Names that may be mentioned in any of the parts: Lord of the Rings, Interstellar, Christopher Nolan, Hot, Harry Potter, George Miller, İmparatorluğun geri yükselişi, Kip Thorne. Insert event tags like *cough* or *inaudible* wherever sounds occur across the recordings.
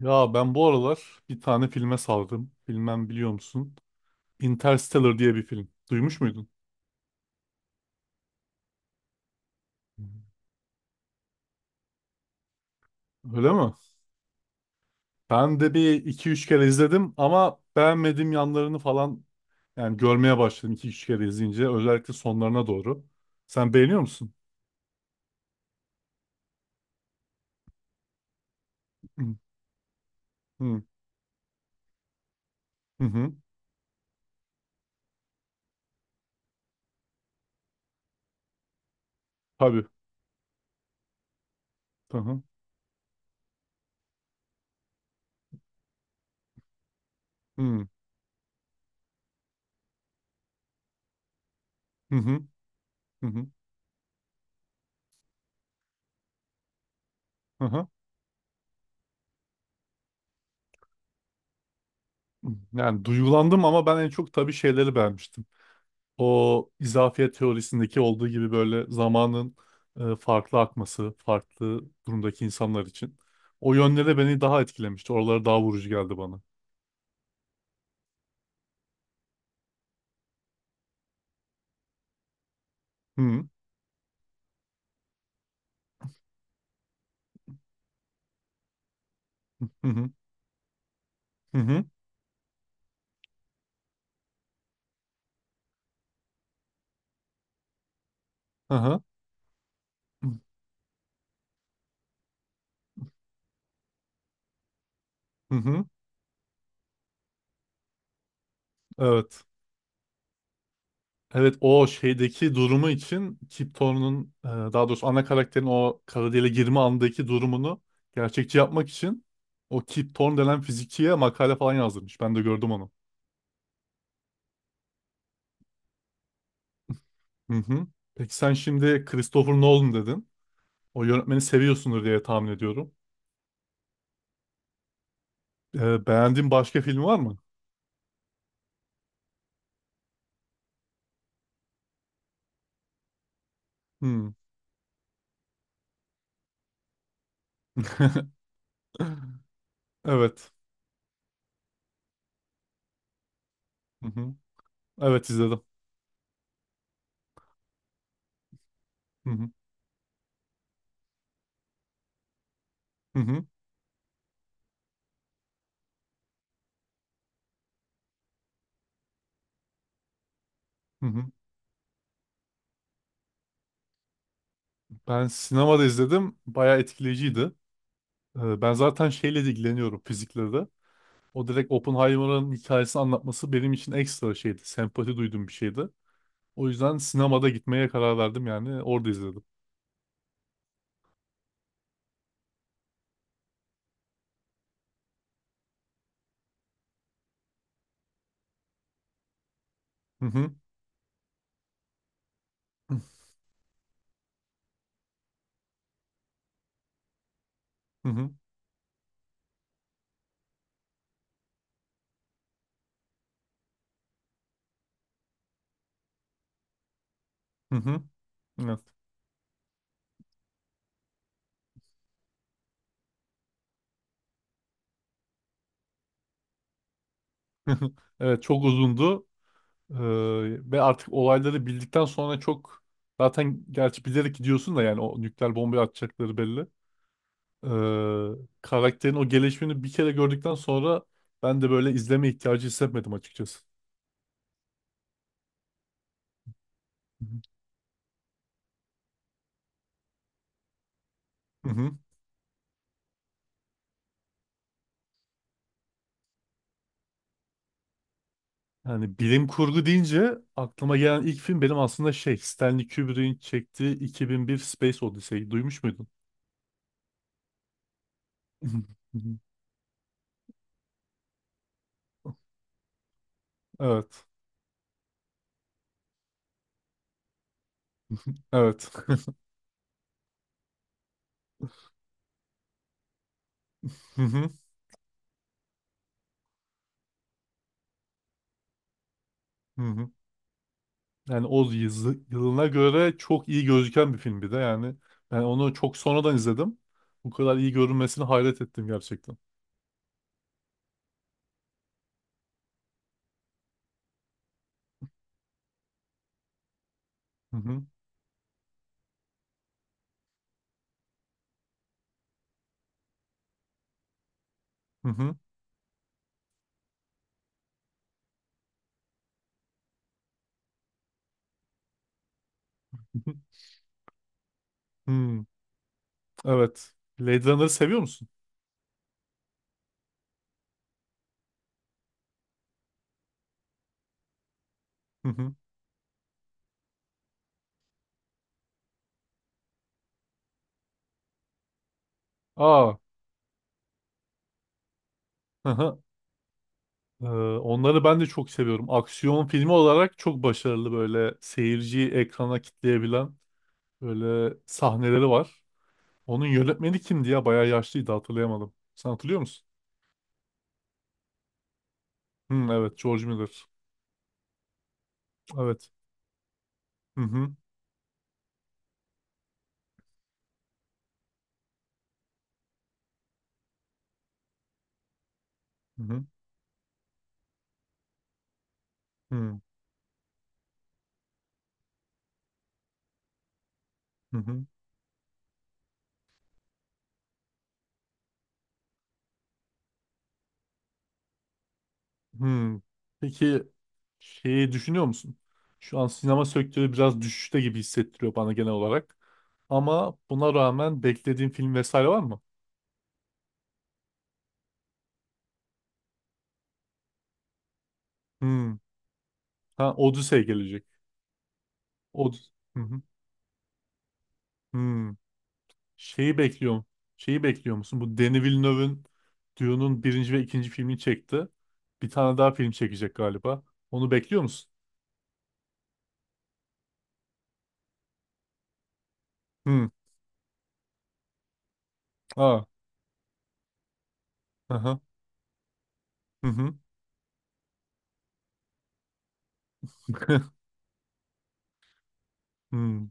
Ya ben bu aralar bir tane filme sardım. Bilmem biliyor musun? Interstellar diye bir film. Duymuş muydun? Öyle mi? Ben de bir iki üç kere izledim ama beğenmediğim yanlarını falan yani görmeye başladım iki üç kere izleyince. Özellikle sonlarına doğru. Sen beğeniyor musun? Hı hı hı. Hı. Tabii. Hı hı hı hı hı hı. Hı hı. Yani duygulandım ama ben en çok tabii şeyleri beğenmiştim. O izafiyet teorisindeki olduğu gibi böyle zamanın farklı akması, farklı durumdaki insanlar için. O yönleri beni daha etkilemişti. Oraları daha vurucu geldi bana. Hı hı hı hı hı, aha, hı hı. Evet. Evet, o şeydeki durumu için Kip Thorne'un, daha doğrusu ana karakterin o kara deliğe girme andaki durumunu gerçekçi yapmak için o Kip Thorne denen fizikçiye makale falan yazdırmış. Ben de gördüm onu. Hı hı. Peki sen şimdi Christopher Nolan dedin. O yönetmeni seviyorsundur diye tahmin ediyorum. Beğendiğin başka film var mı? Hmm. *laughs* Evet. Hı hı. Evet, izledim. Hı hı. Hı hı. Hı hı. Ben sinemada izledim. Bayağı etkileyiciydi. Ben zaten şeyle de ilgileniyorum, fizikle de. O direkt Oppenheimer'ın hikayesini anlatması benim için ekstra şeydi. Sempati duyduğum bir şeydi. O yüzden sinemada gitmeye karar verdim yani. Orada izledim. Hı hı. Hı hı. Hı hı. Evet. *laughs* Evet, çok uzundu. Ve artık olayları bildikten sonra çok, zaten gerçi bilerek gidiyorsun da yani o nükleer bombayı atacakları belli. Ee, Karakterin o gelişimini bir kere gördükten sonra ben de böyle izleme ihtiyacı hissetmedim açıkçası. Hı hı. Hı hı. Yani bilim kurgu deyince aklıma gelen ilk film benim aslında şey, Stanley Kubrick'in çektiği 2001 Space Odyssey'yi duymuş muydun? Hı hı. Evet. Evet. *laughs* Hı hı. Hı hı. Yani o yılına göre çok iyi gözüken bir film bir de yani. Ben onu çok sonradan izledim. Bu kadar iyi görünmesine hayret ettim gerçekten. Hı hı. Hı hı. Hı hı. Hmm, evet. Blade Runner'ı seviyor musun? Hı hı. Aa. Hı hı. Ee, Onları ben de çok seviyorum. Aksiyon filmi olarak çok başarılı, böyle seyirciyi ekrana kitleyebilen böyle sahneleri var. Onun yönetmeni kimdi ya? Bayağı yaşlıydı, hatırlayamadım. Sen hatırlıyor musun? Hı, evet, George Miller. Evet. Hı hı. Hı hı. Hı. Hı hı. Hmm. Peki şeyi düşünüyor musun? Şu an sinema sektörü biraz düşüşte gibi hissettiriyor bana genel olarak. Ama buna rağmen beklediğin film vesaire var mı? Hmm. Ha, Odyssey gelecek. Od hı hı. Hmm. Şeyi bekliyorum. Şeyi bekliyor musun? Bu Denis Villeneuve'ın Dune'un birinci ve ikinci filmini çekti. Bir tane daha film çekecek galiba. Onu bekliyor musun? Hmm. Aa. Aha, hı. Hı *laughs* hı. Hmm.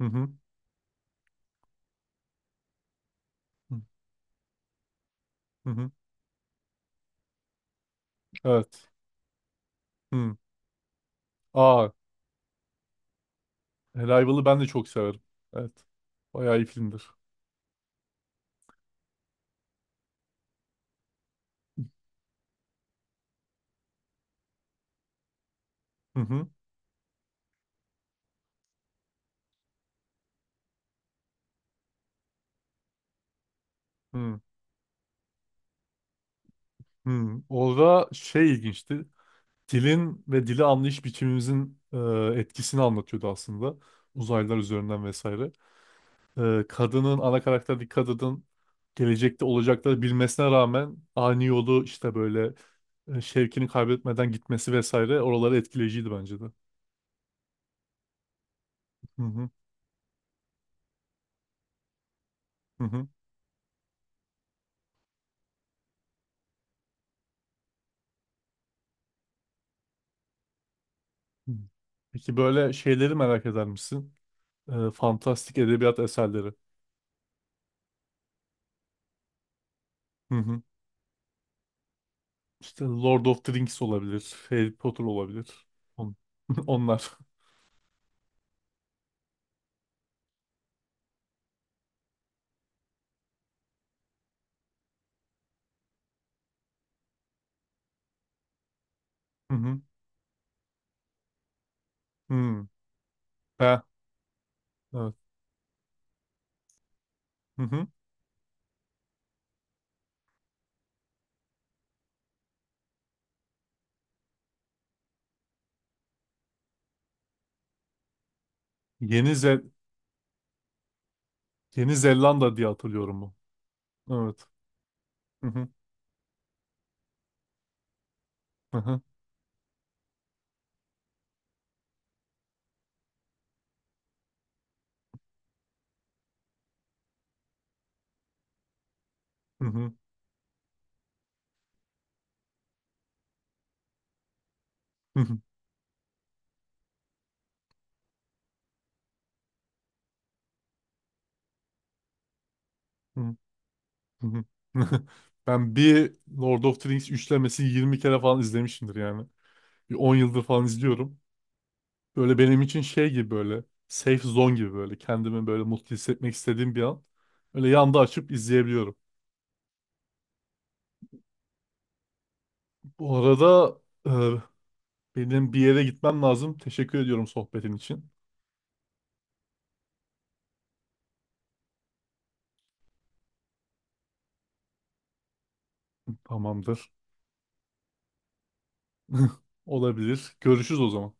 Hı hı. Hı hı. Evet. Hmm. Aa, Arrival'ı ben de çok severim. Evet. Bayağı iyi filmdir. Hı hı. Hı hı. Orada şey ilginçti. Dilin ve dili anlayış biçimimizin etkisini anlatıyordu aslında. Uzaylılar üzerinden vesaire. E, kadının, ana karakterdeki kadının gelecekte olacakları bilmesine rağmen ani yolu işte böyle, şevkini kaybetmeden gitmesi vesaire, oraları etkileyiciydi bence de. Hı hı. Hı hı. Hı. Peki böyle şeyleri merak eder misin? E, fantastik edebiyat eserleri. Hı hı. İşte Lord of the Rings olabilir. Harry Potter olabilir. On- *laughs* Onlar. Hı hı. Hı. Ha, evet. Hı hı. Yeni Zel Yeni Zelanda diye hatırlıyorum bu. Evet. Hı hı. Hı hı. Hı hı. Hı hı. Hı hı. *laughs* Ben bir Lord of the Rings üçlemesini 20 kere falan izlemişimdir yani. Bir 10 yıldır falan izliyorum. Böyle benim için şey gibi, böyle safe zone gibi, böyle kendimi böyle mutlu hissetmek istediğim bir an. Öyle yanda açıp izleyebiliyorum. Bu arada, benim bir yere gitmem lazım. Teşekkür ediyorum sohbetin için. Tamamdır. *laughs* Olabilir. Görüşürüz o zaman.